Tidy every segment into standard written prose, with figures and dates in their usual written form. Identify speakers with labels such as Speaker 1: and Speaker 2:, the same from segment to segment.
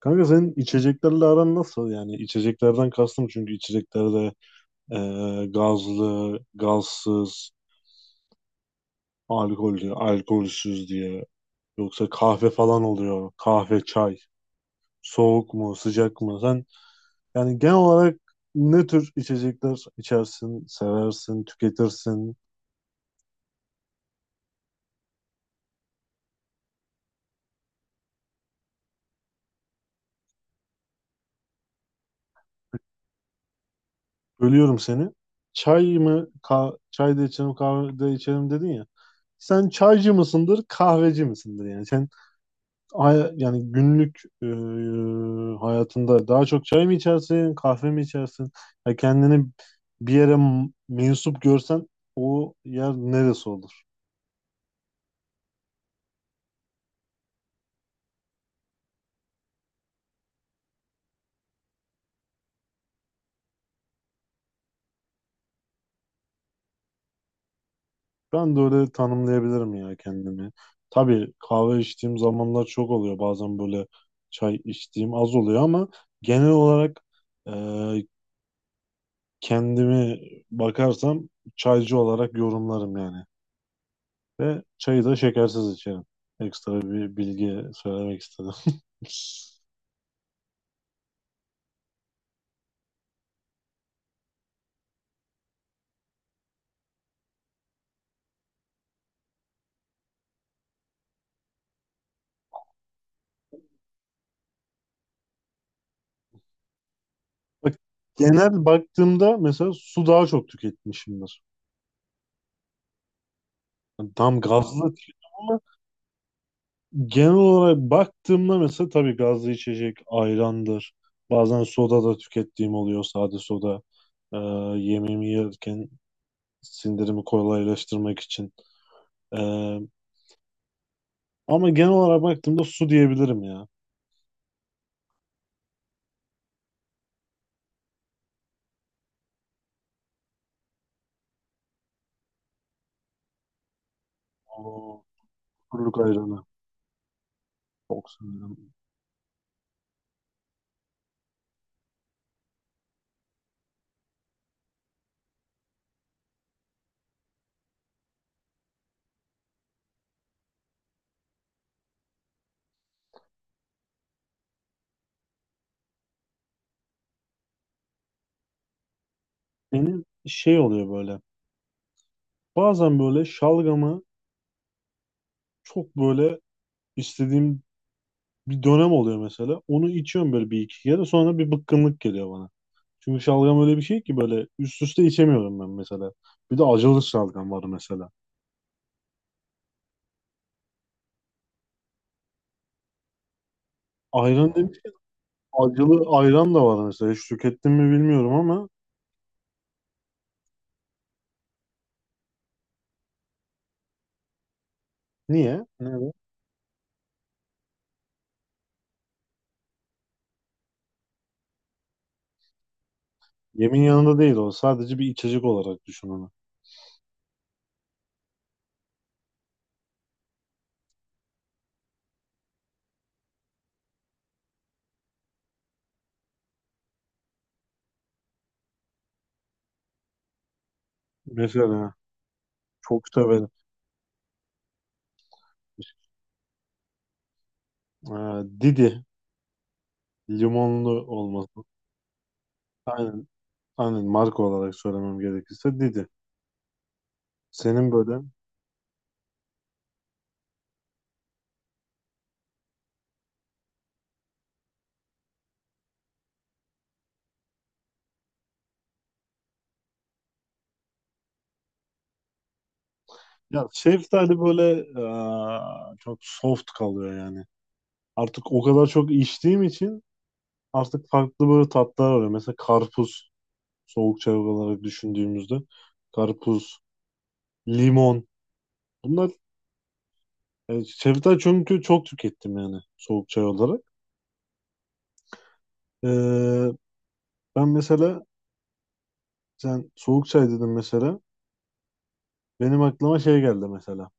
Speaker 1: Kanka senin içeceklerle aran nasıl? Yani içeceklerden kastım, çünkü içeceklerde e, gazlı, gazsız, alkollü, alkolsüz diye. Yoksa kahve falan oluyor. Kahve, çay. Soğuk mu, sıcak mı? Sen yani genel olarak ne tür içecekler içersin, seversin, tüketirsin? Bölüyorum seni. Çay mı? Çay da içerim, kahve de içerim dedin ya. Sen çaycı mısındır, kahveci misindir yani? Yani günlük hayatında daha çok çay mı içersin, kahve mi içersin? Ya kendini bir yere mensup görsen o yer neresi olur? Ben de öyle tanımlayabilirim ya kendimi. Tabii kahve içtiğim zamanlar çok oluyor. Bazen böyle çay içtiğim az oluyor ama genel olarak e, kendimi bakarsam çaycı olarak yorumlarım yani. Ve çayı da şekersiz içerim. Ekstra bir bilgi söylemek istedim. Bak, genel baktığımda mesela su daha çok tüketmişimdir. Yani tam gazlı tüketiyorum ama genel olarak baktığımda mesela tabii gazlı içecek ayrandır. Bazen soda da tükettiğim oluyor, sade soda. Ee, Yemeğimi yerken sindirimi kolaylaştırmak için. Ee, Ama genel olarak baktığımda su diyebilirim ya. O kuruluk ayranı. Çok seviyorum. Benim şey oluyor böyle. Bazen böyle şalgamı çok böyle istediğim bir dönem oluyor mesela. Onu içiyorum böyle bir iki kere sonra bir bıkkınlık geliyor bana. Çünkü şalgam öyle bir şey ki böyle üst üste içemiyorum ben mesela. Bir de acılı şalgam var mesela. Ayran. Hmm. Demiş ki acılı ayran da var mesela. Hiç tükettim mi bilmiyorum ama niye? Neden? Yemin yanında değil o. Sadece bir içecek olarak düşün onu. Mesela çok severim. Ee, Didi, limonlu olması. Aynen, aynen marka olarak söylemem gerekirse Didi. Senin böyle. Ya şeftali böyle çok soft kalıyor yani. Artık o kadar çok içtiğim için artık farklı böyle tatlar var. Mesela karpuz, soğuk çay olarak düşündüğümüzde karpuz, limon, bunlar şeftali, çünkü çok tükettim yani soğuk çay olarak. Eee, Ben mesela, sen soğuk çay dedin mesela, benim aklıma şey geldi mesela,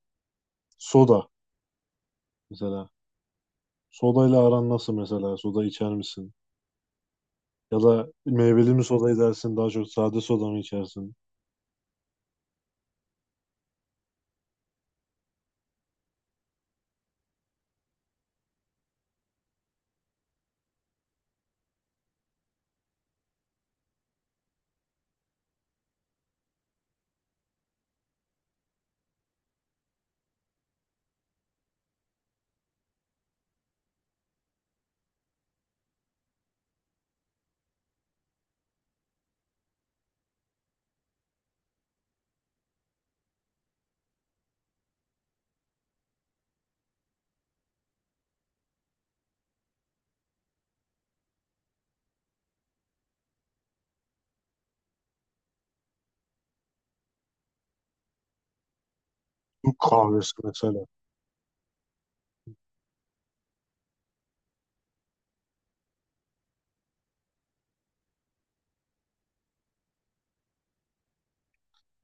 Speaker 1: soda mesela. Sodayla aran nasıl mesela, soda içer misin? Ya da meyveli mi soda edersin, daha çok sade soda mı içersin? Türk kahvesi mesela.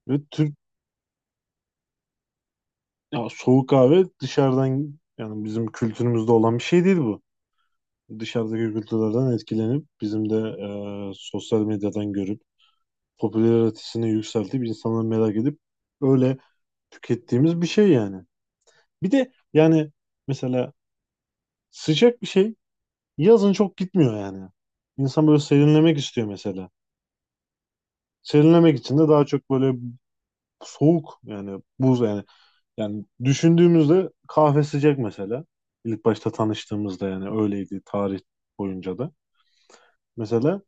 Speaker 1: Ve Türk, ya soğuk kahve dışarıdan, yani bizim kültürümüzde olan bir şey değil bu. Dışarıdaki kültürlerden etkilenip bizim de sosyal medyadan görüp popülaritesini yükseltip insanları merak edip öyle tükettiğimiz bir şey yani. Bir de yani mesela sıcak bir şey yazın çok gitmiyor yani. İnsan böyle serinlemek istiyor mesela. Serinlemek için de daha çok böyle soğuk, yani buz yani. Yani düşündüğümüzde kahve sıcak mesela. İlk başta tanıştığımızda yani öyleydi, tarih boyunca da. Mesela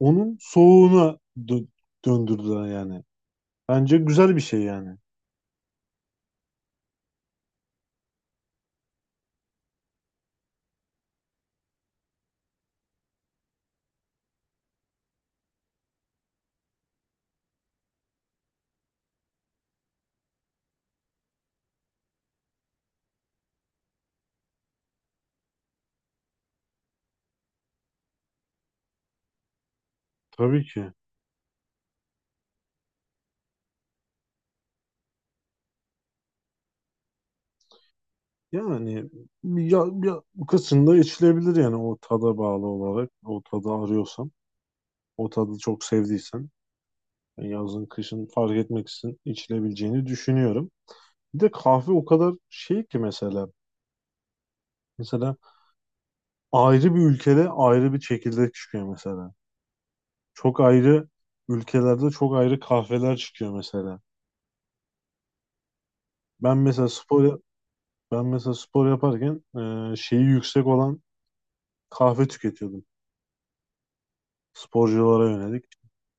Speaker 1: onun soğuğuna döndürdüler yani. Bence güzel bir şey yani. Tabii ki. Yani ya bu kısımda içilebilir yani o tada bağlı olarak. O tadı arıyorsan, o tadı çok sevdiysen yani yazın kışın fark etmeksizin içilebileceğini düşünüyorum. Bir de kahve o kadar şey ki mesela. Mesela ayrı bir ülkede ayrı bir çekirdek çıkıyor mesela. Çok ayrı ülkelerde çok ayrı kahveler çıkıyor mesela. Ben mesela spor Ben mesela spor yaparken şeyi yüksek olan kahve tüketiyordum. Sporculara yönelik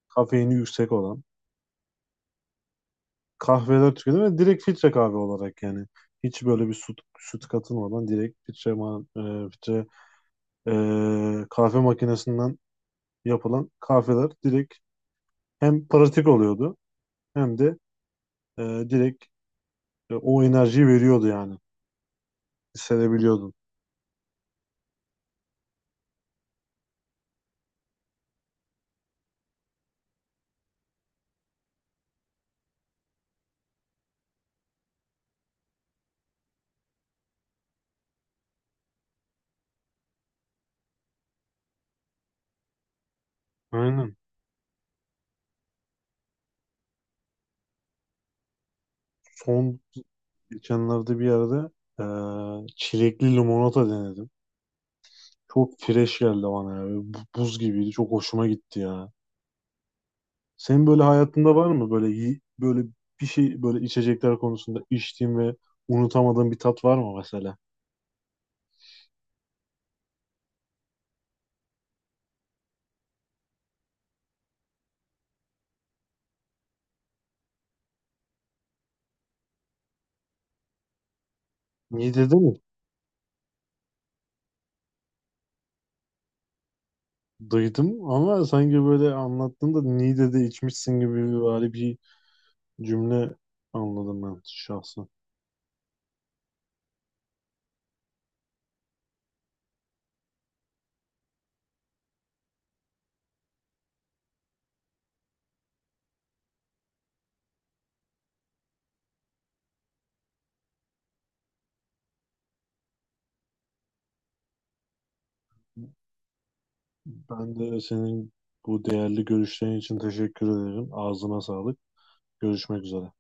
Speaker 1: kafeini yüksek olan kahveler tüketiyordum ve direkt filtre kahve olarak yani. Hiç böyle bir süt katılmadan direkt filtre, filtre kahve makinesinden yapılan kahveler direkt hem pratik oluyordu hem de e, direkt o enerjiyi veriyordu yani. Hissedebiliyordun. Aynen. Son Geçenlerde bir yerde çilekli limonata denedim. Çok fresh geldi bana ya. Böyle buz gibiydi. Çok hoşuma gitti ya. Senin böyle hayatında var mı böyle böyle bir şey, böyle içecekler konusunda içtiğin ve unutamadığın bir tat var mı mesela? Niğde'de mi? Duydum ama sanki böyle anlattığında Niğde'de içmişsin gibi böyle bir cümle anladım ben şahsen. Ben de senin bu değerli görüşlerin için teşekkür ederim. Ağzına sağlık. Görüşmek üzere.